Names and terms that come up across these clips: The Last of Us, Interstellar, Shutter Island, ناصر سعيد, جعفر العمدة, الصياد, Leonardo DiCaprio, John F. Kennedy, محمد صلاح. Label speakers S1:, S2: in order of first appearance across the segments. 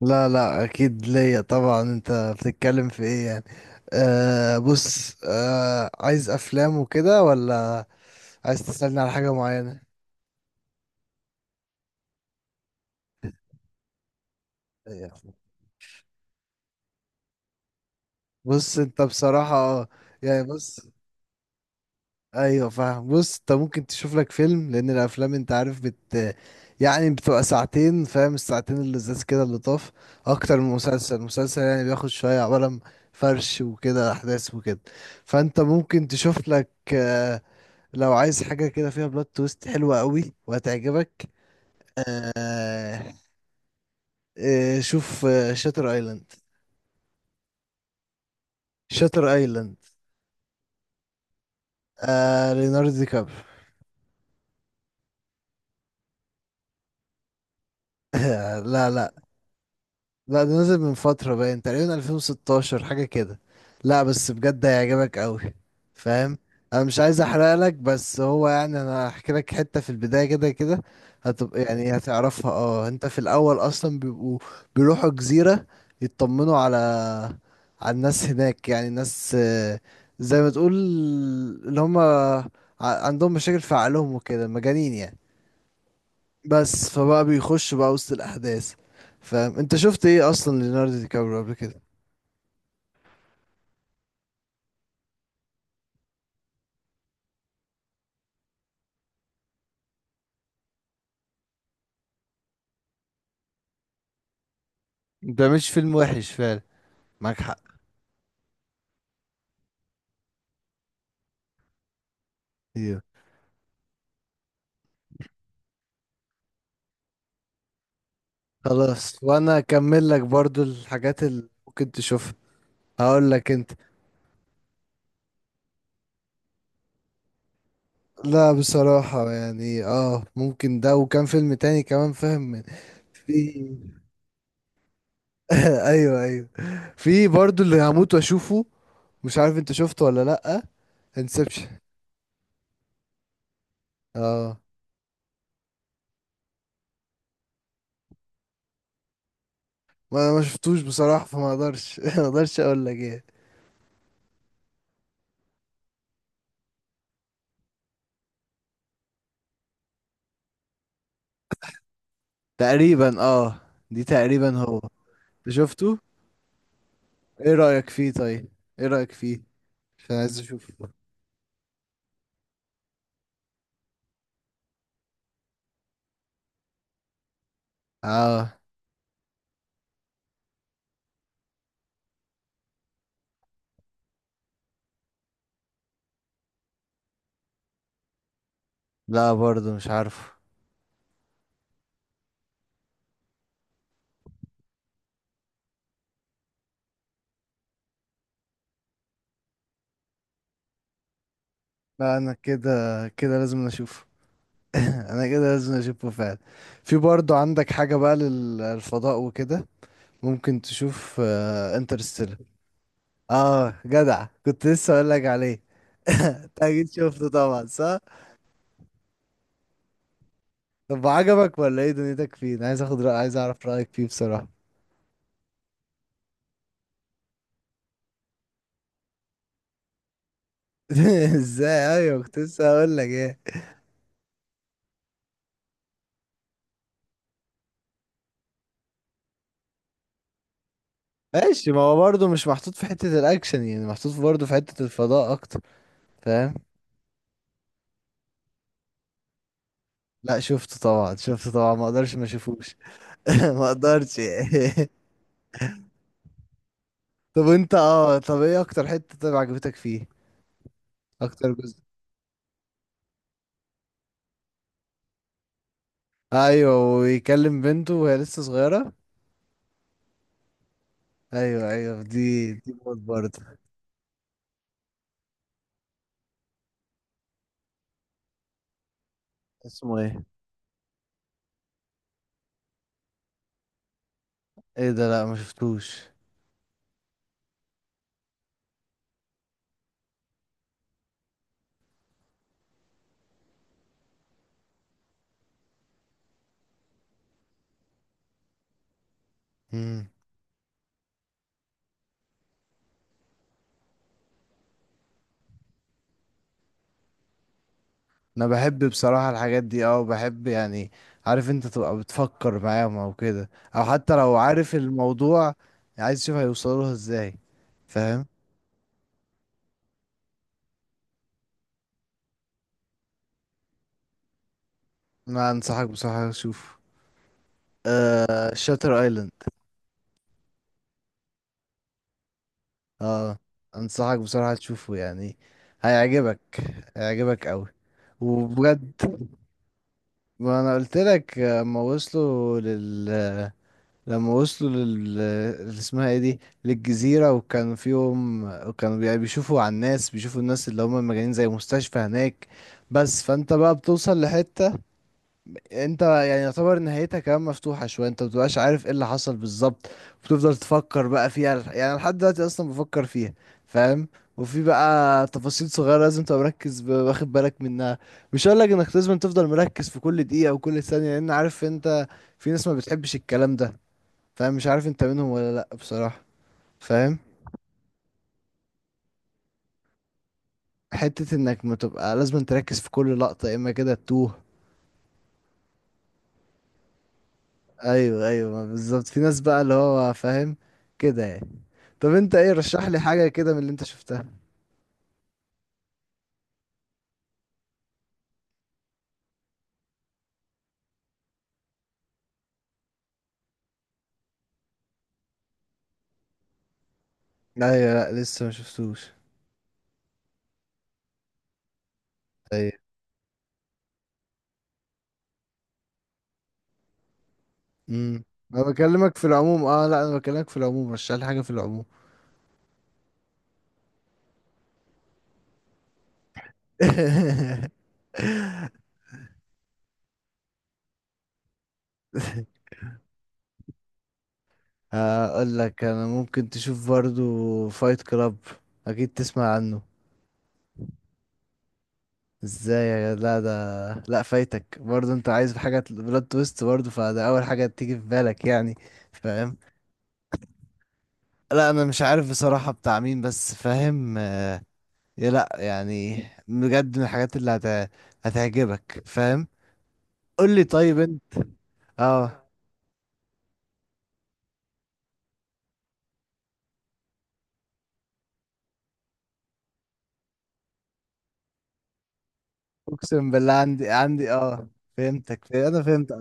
S1: لا لا، اكيد ليا طبعا. انت بتتكلم في ايه يعني؟ آه بص آه عايز افلام وكده، ولا عايز تسألني على حاجة معينة؟ أيوة. بص انت بصراحة، يعني بص، ايوه فاهم. بص انت ممكن تشوف لك فيلم، لان الافلام انت عارف يعني بتبقى ساعتين، فاهم؟ الساعتين اللذاذ كده اللي طاف اكتر من مسلسل. مسلسل يعني بياخد شوية عبارة عن فرش وكده احداث وكده، فانت ممكن تشوف لك لو عايز حاجة كده فيها بلوت تويست حلوة قوي وهتعجبك. آه شوف، شاتر ايلاند. شاتر ايلاند. ليوناردو دي كابريو. لا لا. لا، ده نزل من فترة، باين تقريبا 2016 حاجة كده. لا بس بجد هيعجبك قوي، فاهم؟ انا مش عايز احرق لك، بس هو يعني انا هحكي لك حتة في البداية كده كده هتبقى يعني هتعرفها. اه انت في الاول اصلا بيبقوا بيروحوا جزيرة، يطمنوا على الناس هناك، يعني الناس، زي ما تقول اللي هم عندهم مشاكل في عقلهم وكده، مجانين يعني. بس فبقى بيخش بقى وسط الأحداث، فاهم؟ انت شفت ايه اصلا ليوناردو دي كابريو قبل كده؟ ده مش فيلم وحش فعلا. معاك حق، ايوه. خلاص، وانا اكمل لك برضو الحاجات اللي ممكن تشوفها. هقول لك انت. لا بصراحة يعني ممكن ده، وكان فيلم تاني كمان فاهم في... ايوه ايوه. في برضو اللي هموت واشوفه، مش عارف انت شفته ولا لأ. انسبشن. اه، ما شفتوش بصراحة، فما اقدرش ما اقدرش اقول لك ايه. تقريبا، اه، دي تقريبا هو. أنت شفته؟ ايه رأيك فيه طيب؟ ايه رأيك فيه؟ عشان عايز اشوف. اه. لا برضه مش عارفه. لا، انا كده كده لازم اشوفه. انا كده لازم اشوفه فعلا. في برضه عندك حاجة بقى للفضاء وكده، ممكن تشوف انترستيلر. اه، Interstellar. جدع كنت لسه اقول لك عليه. انت اكيد شفته طبعا، صح؟ طب عجبك ولا ايه دنيتك فيه؟ انا عايز اخد رأي، عايز اعرف رأيك فيه بصراحة. ازاي؟ ايوه كنت لسه هقول لك ايه. ماشي، ما هو برضه مش محطوط في حتة الاكشن يعني، محطوط برضه في حتة الفضاء اكتر، فاهم؟ لا شفته طبعا، شفته طبعا، ما اقدرش ما اشوفوش. ما اقدرش. طب انت طب ايه اكتر حتة طيب عجبتك فيه؟ اكتر جزء؟ ايوه، ويكلم بنته وهي لسه صغيرة. ايوه ايوه، دي موت برضه. اسمه ايه؟ ايه ده؟ لا ما شفتوش. مم. انا بحب بصراحة الحاجات دي، بحب يعني. عارف انت تبقى بتفكر معاهم او كده، او حتى لو عارف الموضوع عايز تشوف هيوصلوا لها ازاي، فاهم؟ انا انصحك بصراحة تشوف شاتر ايلاند. اه، انصحك بصراحة تشوفه، يعني هيعجبك، هيعجبك قوي وبجد. ما انا قلت لك، ما وصلوا لل لما وصلوا لل اللي اسمها ايه دي، للجزيرة، وكان فيهم وكانوا بيشوفوا على الناس، بيشوفوا الناس اللي هم مجانين زي مستشفى هناك. بس فانت بقى بتوصل لحتة انت يعني يعتبر نهايتها كمان مفتوحة شوية، انت مبتبقاش عارف ايه اللي حصل بالظبط، بتفضل تفكر بقى فيها، يعني لحد دلوقتي اصلا بفكر فيها، فاهم؟ وفي بقى تفاصيل صغيرة لازم تبقى مركز واخد بالك منها. مش هقولك انك لازم تفضل مركز في كل دقيقة وكل ثانية، لان عارف انت في ناس ما بتحبش الكلام ده، فاهم؟ مش عارف انت منهم ولا لا بصراحة، فاهم؟ حتة انك ما تبقى لازم تركز في كل لقطة يا اما كده تتوه. ايوه ايوه، ما بالظبط في ناس بقى اللي هو فاهم كده يعني. طب انت ايه، رشح لي حاجة كده من اللي انت شفتها؟ ايوه، لا لسه ما شفتوش. ايوه. امم انا بكلمك في العموم، لا انا بكلمك في العموم، رشح لي حاجة في العموم. هقول لك انا، ممكن تشوف برضو فايت كلاب، اكيد تسمع عنه. ازاي لا ده، لا فايتك برضه، انت عايز حاجة بلوت تويست برضه، فده اول حاجة تيجي في بالك يعني، فاهم؟ لا انا مش عارف بصراحة بتاع مين، بس فاهم، يا لا يعني، بجد من الحاجات اللي هتعجبك، فاهم؟ قول لي طيب انت. اه. اقسم بالله عندي، فهمتك، انا فهمت.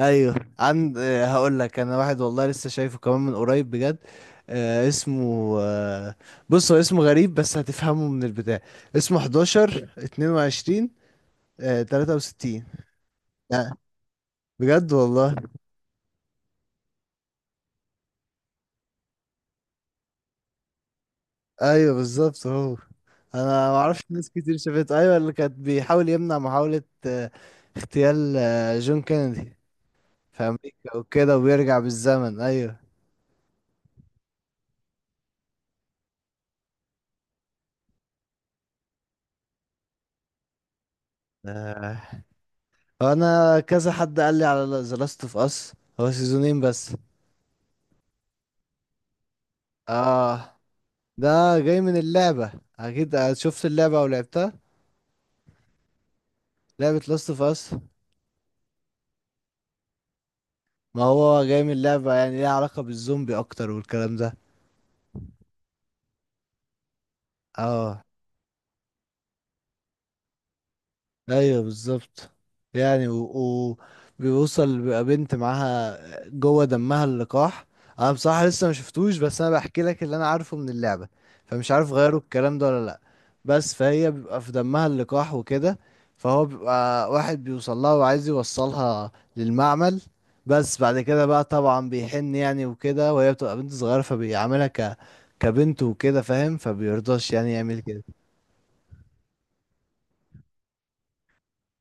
S1: ايوه عند، هقول لك انا واحد، والله لسه شايفه كمان من قريب بجد. اسمه، بص هو اسمه غريب بس هتفهمه من البتاع. اسمه 11 22 63. لا بجد والله. ايوه بالظبط هو. انا ما اعرفش ناس كتير شافته، ايوه، اللي كانت بيحاول يمنع محاولة اغتيال جون كينيدي في امريكا وكده، وبيرجع بالزمن. ايوه. آه. انا كذا حد قال لي على ذا لاست اوف اس، هو سيزونين بس. اه، ده جاي من اللعبة، اكيد، شفت اللعبة او لعبتها؟ لعبة لاست اوف اس. ما هو جاي من اللعبة، يعني ليها علاقة بالزومبي اكتر والكلام ده. اه، ايوه بالظبط، يعني وبيوصل بيبقى بنت معاها جوه دمها اللقاح. انا بصراحه لسه ما شفتوش، بس انا بحكي لك اللي انا عارفه من اللعبه، فمش عارف غيروا الكلام ده ولا لا. بس فهي بيبقى في دمها اللقاح وكده، فهو بيبقى واحد بيوصل لها وعايز يوصلها للمعمل، بس بعد كده بقى طبعا بيحن يعني وكده، وهي بتبقى بنت صغيره فبيعاملها كبنت وكده، فاهم؟ فبيرضاش يعني يعمل كده.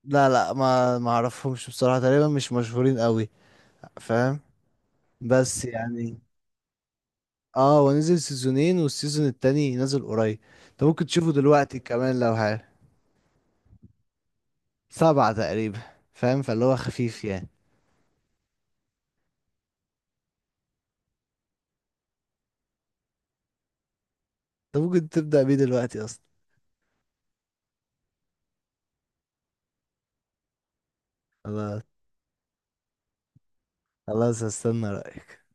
S1: لا لا، ما اعرفهمش بصراحة، تقريبا مش مشهورين قوي، فاهم؟ بس يعني اه هو نزل سيزونين والسيزون التاني نزل قريب، انت ممكن تشوفه دلوقتي كمان لو حاجة. سبعة تقريبا، فاهم؟ فاللي هو خفيف يعني. انت ممكن تبدأ بيه دلوقتي اصلا. خلاص خلاص، هستنى رأيك.